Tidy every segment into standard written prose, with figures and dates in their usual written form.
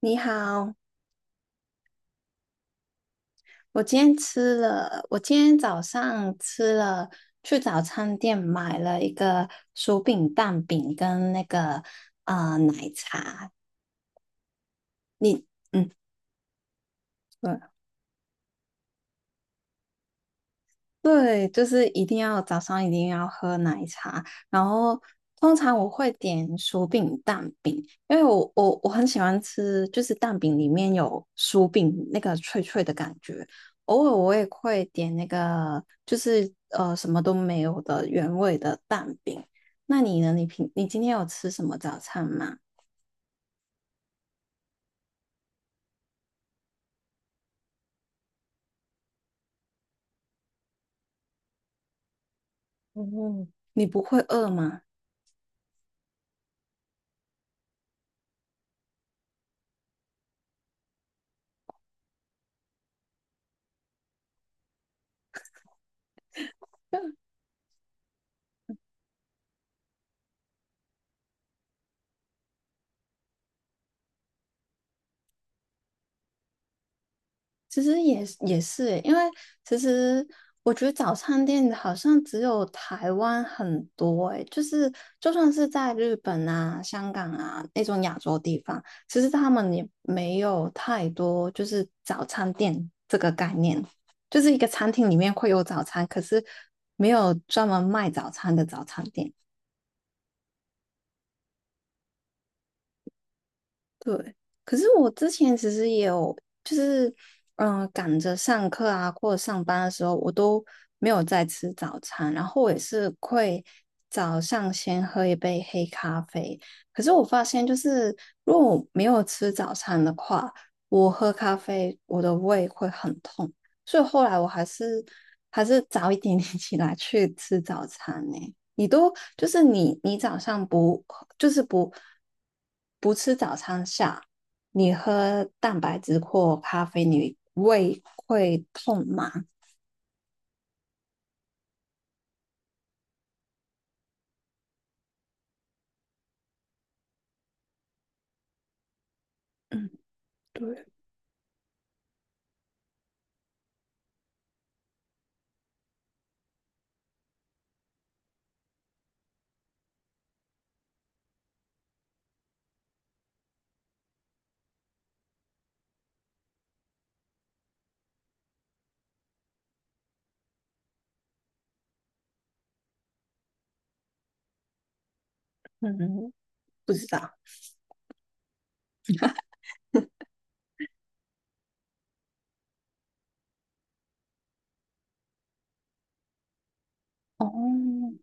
你好，我今天吃了，我今天早上吃了，去早餐店买了一个薯饼蛋饼跟那个你，嗯，嗯对，就是一定要早上一定要喝奶茶，然后通常我会点薯饼、蛋饼，因为我很喜欢吃，就是蛋饼里面有薯饼那个脆脆的感觉。偶尔我也会点那个，就是什么都没有的原味的蛋饼。那你呢？你你今天有吃什么早餐吗？嗯，你不会饿吗？其实也是欸因为其实我觉得早餐店好像只有台湾很多诶，就是就算是在日本啊、香港啊那种亚洲地方，其实他们也没有太多就是早餐店这个概念，就是一个餐厅里面会有早餐，可是没有专门卖早餐的早餐店。对，可是我之前其实也有，就是赶着上课啊或者上班的时候，我都没有在吃早餐，然后我也是会早上先喝一杯黑咖啡。可是我发现，就是如果我没有吃早餐的话，我喝咖啡我的胃会很痛，所以后来我还是早一点点起来去吃早餐呢、你都就是你早上不就是不不吃早餐下，你喝蛋白质或咖啡，你胃会痛吗？嗯，对，嗯，不知道。哦，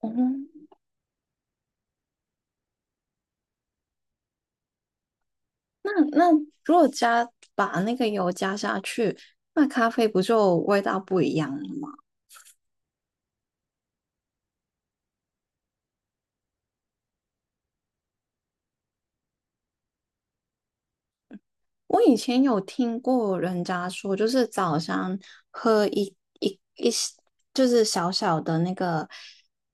哦，那如果加把那个油加下去，那咖啡不就味道不一样了吗？我以前有听过人家说，就是早上喝一就是小小的那个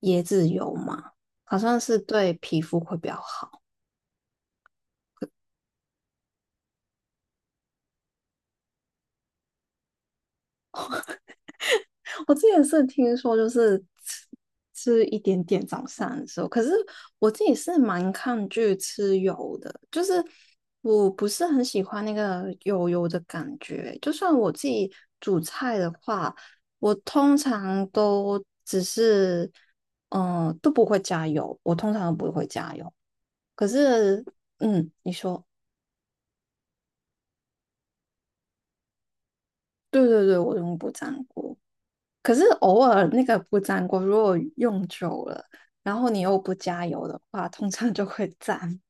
椰子油嘛，好像是对皮肤会比较好。我之前是听说，就是吃吃一点点早餐的时候，可是我自己是蛮抗拒吃油的，就是我不是很喜欢那个油油的感觉。就算我自己煮菜的话，我通常都只是都不会加油，我通常都不会加油。可是嗯，你说对对对，我用不粘锅。可是偶尔那个不粘锅，如果用久了，然后你又不加油的话，通常就会粘。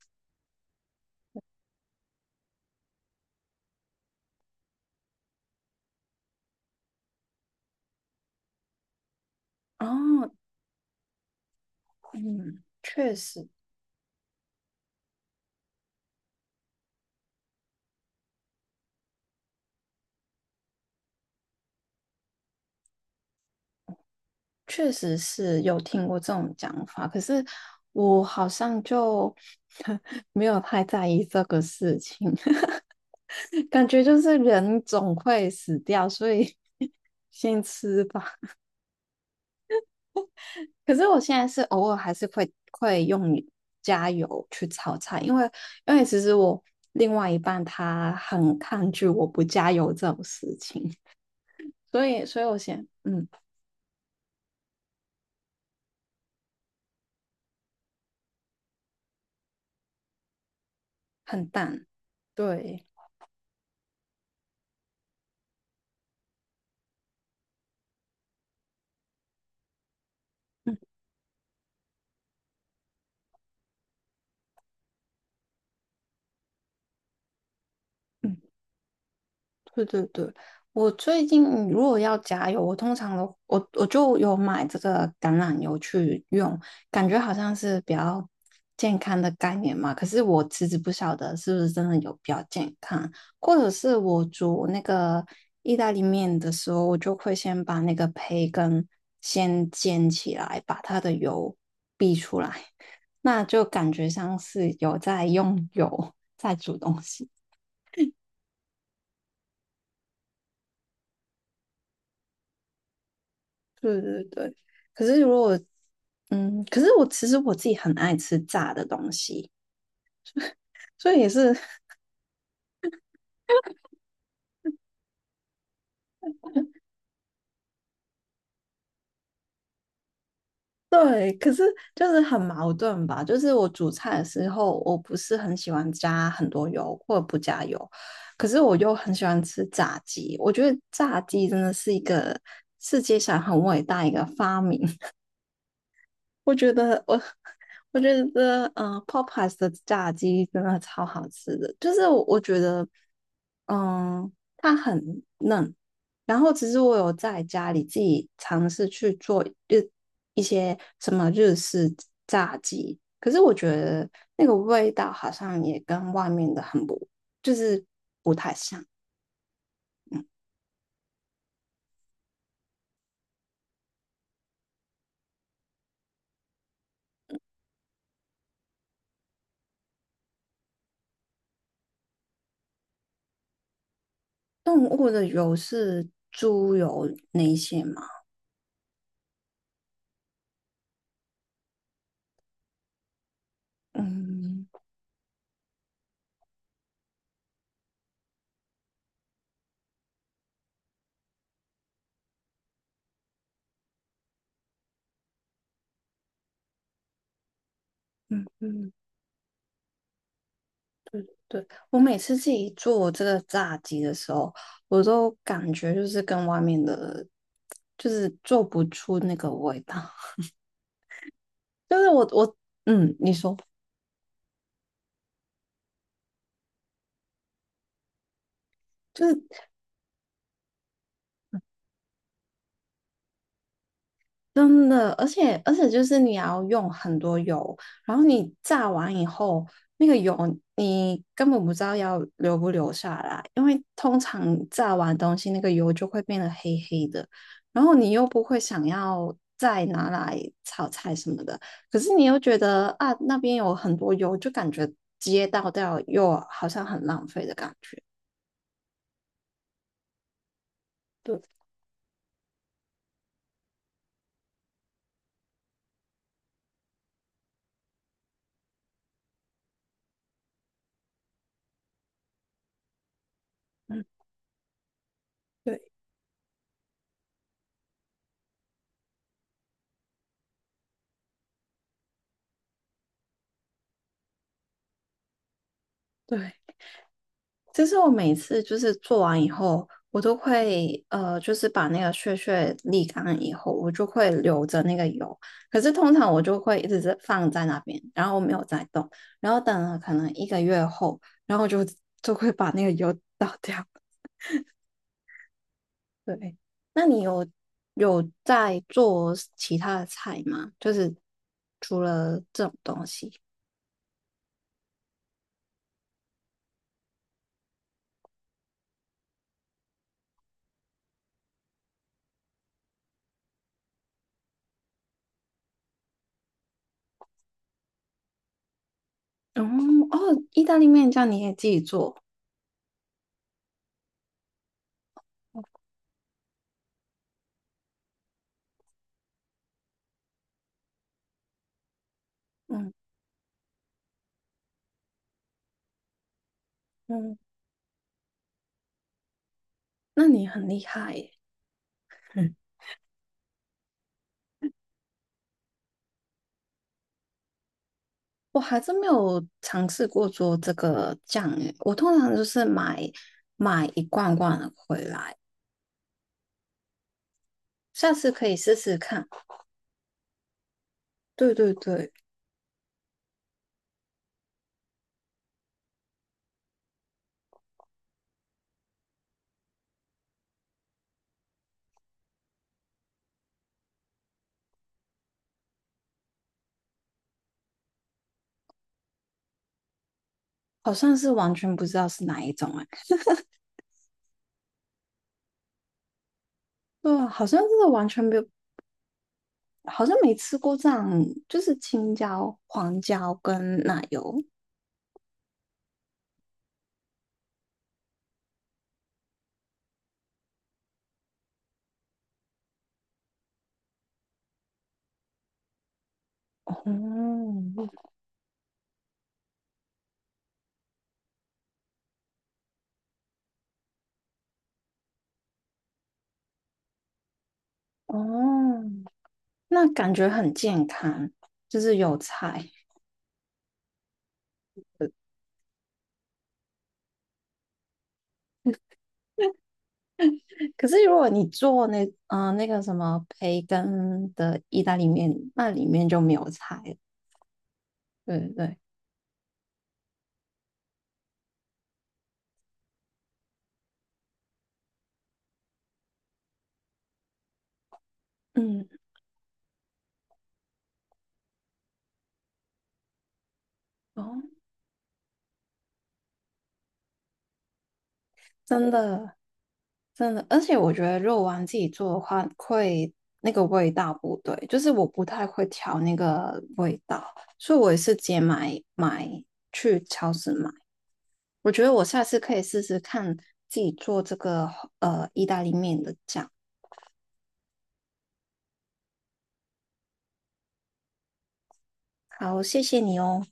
哦，嗯，确实，确实是有听过这种讲法，可是我好像就 没有太在意这个事情，感觉就是人总会死掉，所以 先吃吧。可是我现在是偶尔还是会用加油去炒菜，因为因为其实我另外一半他很抗拒我不加油这种事情，所以我先嗯很淡，对，嗯嗯。对对对，我最近如果要加油，我通常我就有买这个橄榄油去用，感觉好像是比较健康的概念嘛。可是我其实不晓得是不是真的有比较健康，或者是我煮那个意大利面的时候，我就会先把那个培根先煎起来，把它的油逼出来，那就感觉像是有在用油在煮东西。对对对。可是如果嗯，可是我其实我自己很爱吃炸的东西，所以也是 对，可是就是很矛盾吧。就是我煮菜的时候，我不是很喜欢加很多油或者不加油，可是我又很喜欢吃炸鸡。我觉得炸鸡真的是一个世界上很伟大一个发明，我觉得我，我觉得，p o p e y e s 的炸鸡真的超好吃的，就是我觉得，嗯，它很嫩。然后其实我有在家里自己尝试去做日一些什么日式炸鸡，可是我觉得那个味道好像也跟外面的很不，就是不太像。动物的油是猪油那一些吗？嗯嗯嗯。对，我每次自己做这个炸鸡的时候，我都感觉就是跟外面的，就是做不出那个味道。就是我嗯，你说，就是真的，而且就是你要用很多油，然后你炸完以后，那个油你根本不知道要留不留下来，因为通常炸完东西那个油就会变得黑黑的，然后你又不会想要再拿来炒菜什么的，可是你又觉得啊那边有很多油，就感觉直接倒掉又好像很浪费的感觉。对对，对，就是我每次就是做完以后，我都会就是把那个屑屑沥干以后，我就会留着那个油。可是通常我就会一直是放在那边，然后我没有再动，然后等了可能一个月后，然后就会把那个油 倒掉。对，那你有在做其他的菜吗？就是除了这种东西，嗯哦，意大利面酱你也自己做，嗯嗯，那你很厉害耶。我还真没有尝试过做这个酱诶，我通常就是买一罐罐的回来，下次可以试试看。对对对，好像是完全不知道是哪一种诶，对啊，好像真的完全没有，好像没吃过这样，就是青椒、黄椒跟奶油。哦哦，那感觉很健康，就是有菜。可是如果你做那那个什么培根的意大利面，那里面就没有菜了对对对，嗯，哦，真的真的，而且我觉得肉丸自己做的话，会那个味道不对，就是我不太会调那个味道，所以我也是直接买去超市买。我觉得我下次可以试试看自己做这个意大利面的酱。好，谢谢你哦。